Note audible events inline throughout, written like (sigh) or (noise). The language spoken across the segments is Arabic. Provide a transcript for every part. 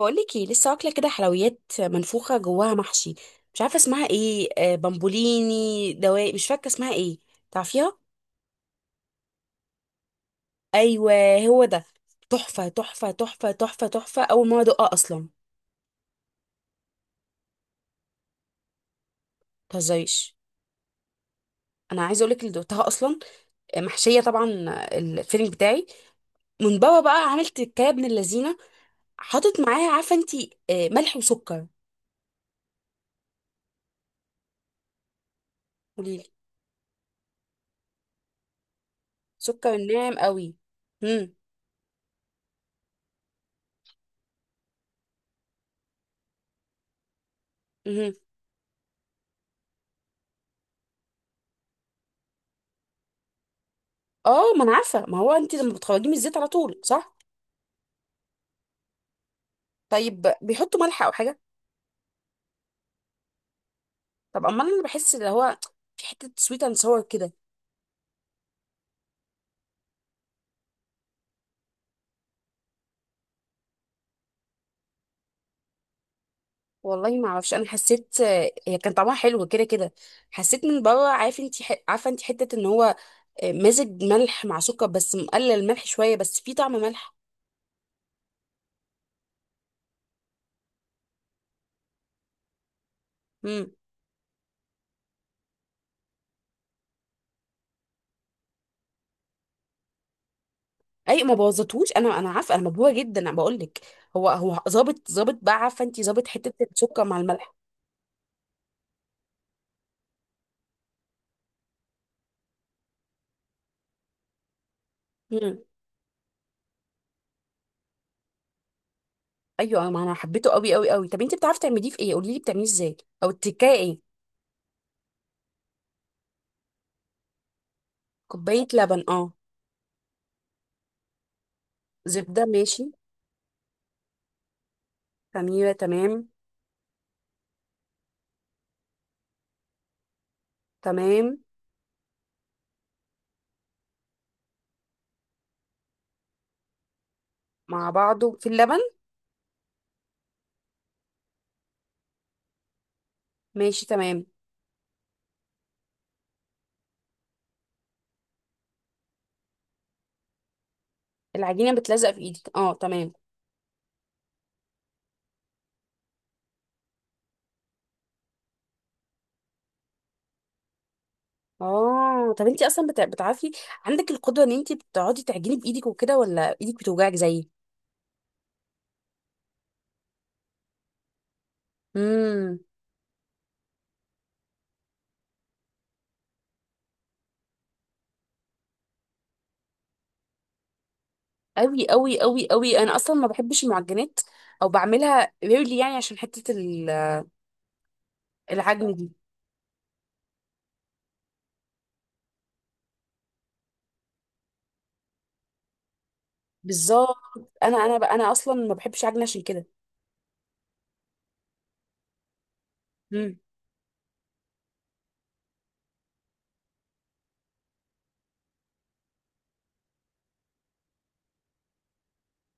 بقولك ايه. لسه واكله كده حلويات منفوخه جواها محشي. مش عارفه اسمها ايه، بامبوليني دواء، مش فاكره اسمها ايه. تعرفيها؟ ايوه، هو ده. تحفه تحفه تحفه تحفه تحفه اول ما ادوقها اصلا. متهزريش. انا عايزه اقولك اللي دقتها اصلا. محشيه طبعا. الفيلينج بتاعي من بابا بقى، عملت كيكه ابن اللذينه. حاطط معاها، عارفه انتي، ملح وسكر. قوليلي. سكر ناعم قوي. امم. امم. اه، ما انا عارفه، ما هو انتي لما بتخرجيه من الزيت على طول، صح؟ طيب، بيحطوا ملح او حاجه؟ طب امال، انا بحس اللي هو في حته سويت اند ساور كده. والله ما اعرفش، انا حسيت، هي كان طعمها حلو كده كده. حسيت من بره، عارفه انت حته ان هو مزج ملح مع سكر، بس مقلل الملح شويه، بس في طعم ملح. امم. اي ما بوظتهوش، انا عارفه، انا مبهوره جدا، انا بقول لك. هو ظابط، ظابط بقى، عارفه انت، ظابط حته السكر مع الملح. امم. ايوه، ما انا حبيته قوي قوي قوي. طب انت بتعرفي تعمليه في ايه؟ قولي لي بتعمليه ازاي؟ او التكايه ايه؟ كوبايه لبن، اه. زبده، ماشي. خميرة، تمام. تمام. مع بعضه في اللبن. ماشي، تمام. العجينة بتلزق في ايدك، اه، تمام. اه، طب انتي اصلا بتعرفي، عندك القدرة ان انتي بتقعدي تعجني بايدك وكده، ولا ايدك بتوجعك زيي؟ امم. قوي قوي قوي قوي، انا اصلا ما بحبش المعجنات، او بعملها ريلي، يعني عشان حتة العجن دي. بالظبط. انا بقى، انا اصلا ما بحبش عجن عشان كده.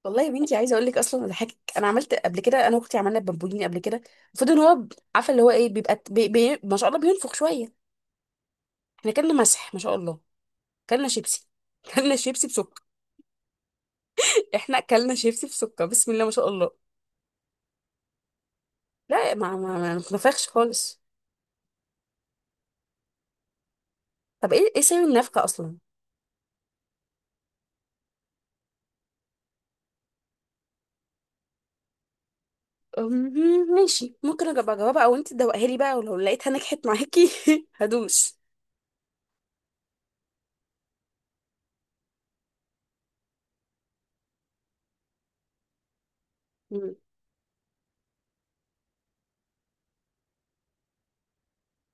والله يا بنتي، عايزه اقول لك اصلا اضحكك، انا عملت قبل كده، انا واختي عملنا بامبولين قبل كده. المفروض ان هو عارفه اللي هو ايه، بيبقى بي بي ما شاء الله بينفخ شويه. احنا كلنا مسح ما شاء الله. كلنا شيبسي. (laughs) كلنا شيبسي بسكر. احنا كلنا شيبسي بسكر، بسم الله ما شاء الله. لا، ما نفخش خالص. طب ايه سبب النفخه اصلا؟ أمم، ماشي. ممكن اجيب اجاوبها، او انت تدوقها لي بقى، ولو لقيتها نجحت معاكي (laughs) هدوس.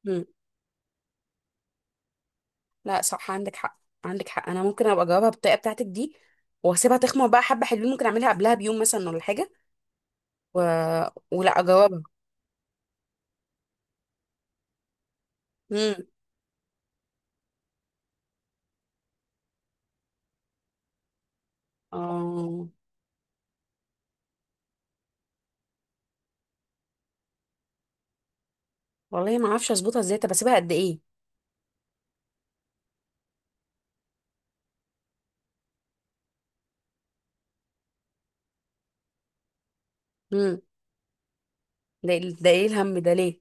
أمم. لا صح، عندك حق عندك حق، انا ممكن ابقى اجاوبها بالطريقه بتاعتك دي، واسيبها تخمر بقى حبه حلوين. ممكن اعملها قبلها بيوم مثلا ولا حاجه، و... ولا اجاوبها؟ امم. اه، والله ما اعرفش اظبطها ازاي، طب اسيبها قد ايه؟ امم. ده ده ايه الهم ده ليه؟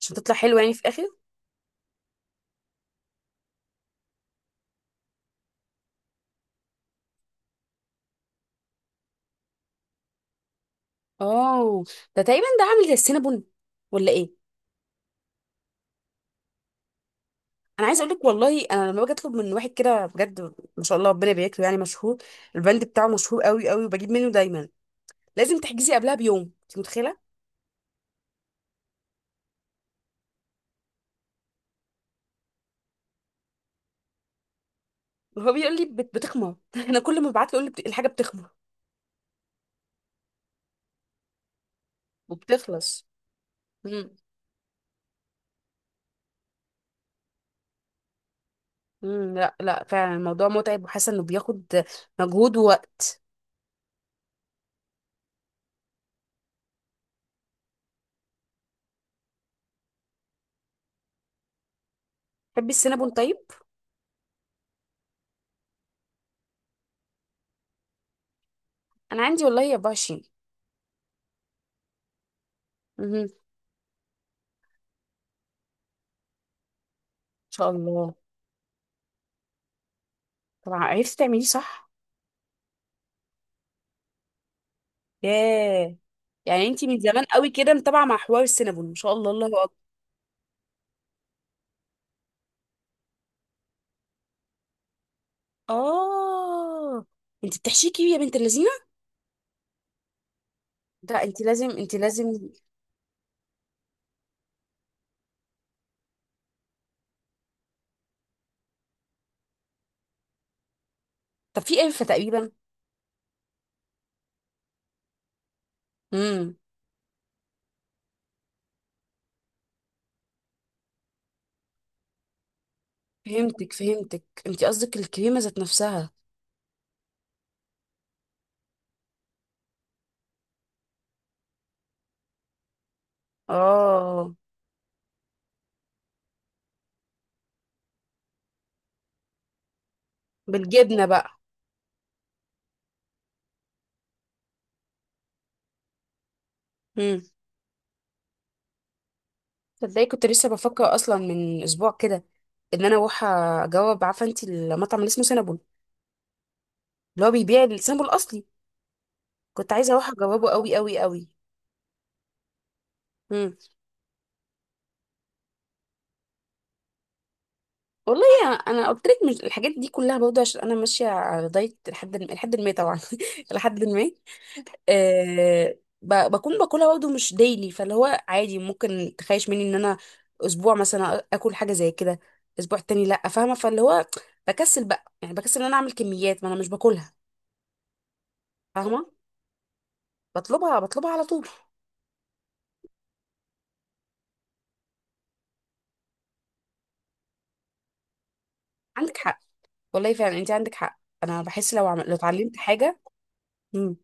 عشان تطلع حلوه يعني في الاخر؟ اه، ده تقريبا ده عامل زي السينابون ولا ايه؟ انا عايزه اقول لك والله، انا لما باجي اطلب من واحد كده بجد، ما شاء الله ربنا يبارك له، يعني مشهور. البند بتاعه مشهور قوي قوي، وبجيب منه دايما. لازم تحجزي قبلها بيوم، انت متخيله؟ هو بيقول لي بتخمر (laughs) انا كل ما ببعت له يقول لي الحاجه بتخمر وبتخلص. امم. امم، لا لا، فعلا الموضوع متعب، وحاسه انه بياخد مجهود ووقت. تحبي السينابون طيب؟ انا عندي والله 24. امم. ان شاء الله. طبعا عرفتي تعمليه صح. ياه. يعني انتي من زمان قوي كده متابعه مع حوار السينابون، ما شاء الله، الله اكبر. اه، انت بتحشيكي يا بنت اللذينه. لا، انت لازم، انت لازم. طب في قرفه تقريبا؟ امم. فهمتك فهمتك، انت قصدك الكريمه ذات نفسها. اه، بالجبنه بقى. امم. تصدقي كنت لسه بفكر اصلا من اسبوع كده ان انا اروح اجرب، عارفه انت المطعم اللي اسمه سينابون، اللي هو بيبيع السينابون الاصلي. كنت عايزه اروح اجربه قوي قوي قوي. امم. انا قلت لك، مش الحاجات دي كلها برضه، عشان انا ماشيه على دايت لحد ما طبعا. (laughs) لحد ما. أه، بكون باكلها برضه مش ديلي، فاللي هو عادي ممكن تخيش مني ان انا اسبوع مثلا اكل حاجه زي كده، اسبوع تاني لا، فاهمه؟ فاللي هو بكسل بقى، يعني بكسل ان انا اعمل كميات ما انا مش باكلها، فاهمه؟ بطلبها بطلبها على طول. عندك حق. والله فعلا انت عندك حق، انا بحس لو اتعلمت حاجه. امم.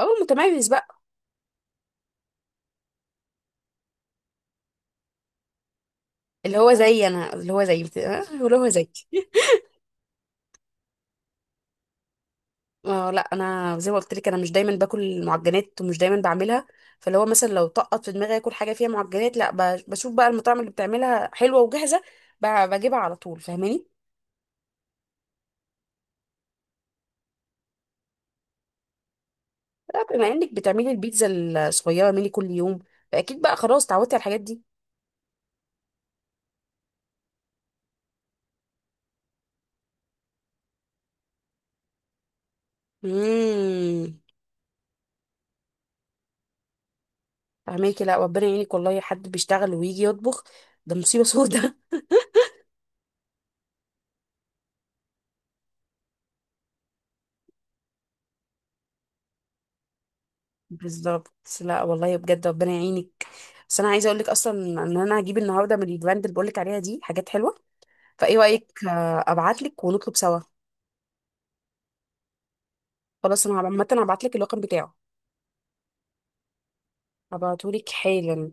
اه، متميز بقى. اللي هو زي. اه لا، انا زي ما قلت لك، انا مش دايما باكل معجنات، ومش دايما بعملها. فاللي هو مثلا لو طقط في دماغي اكل حاجه فيها معجنات، لا بشوف بقى المطاعم اللي بتعملها حلوه وجاهزه، بجيبها على طول، فاهماني؟ لا، بما انك بتعملي البيتزا الصغيره مني كل يوم، فاكيد بقى خلاص اتعودتي على الحاجات دي. امم. فاهماكي. لا، ربنا يعينك والله، حد بيشتغل ويجي يطبخ ده مصيبه سودة. (laughs) بالظبط. لا والله بجد، ربنا يعينك. بس انا عايزه اقول لك اصلا ان انا هجيب النهارده من البراند اللي بقول لك عليها دي حاجات حلوه، فايه رايك، ابعت لك ونطلب سوا؟ خلاص، انا عامه هبعت لك الرقم بتاعه. هبعته لك حالا.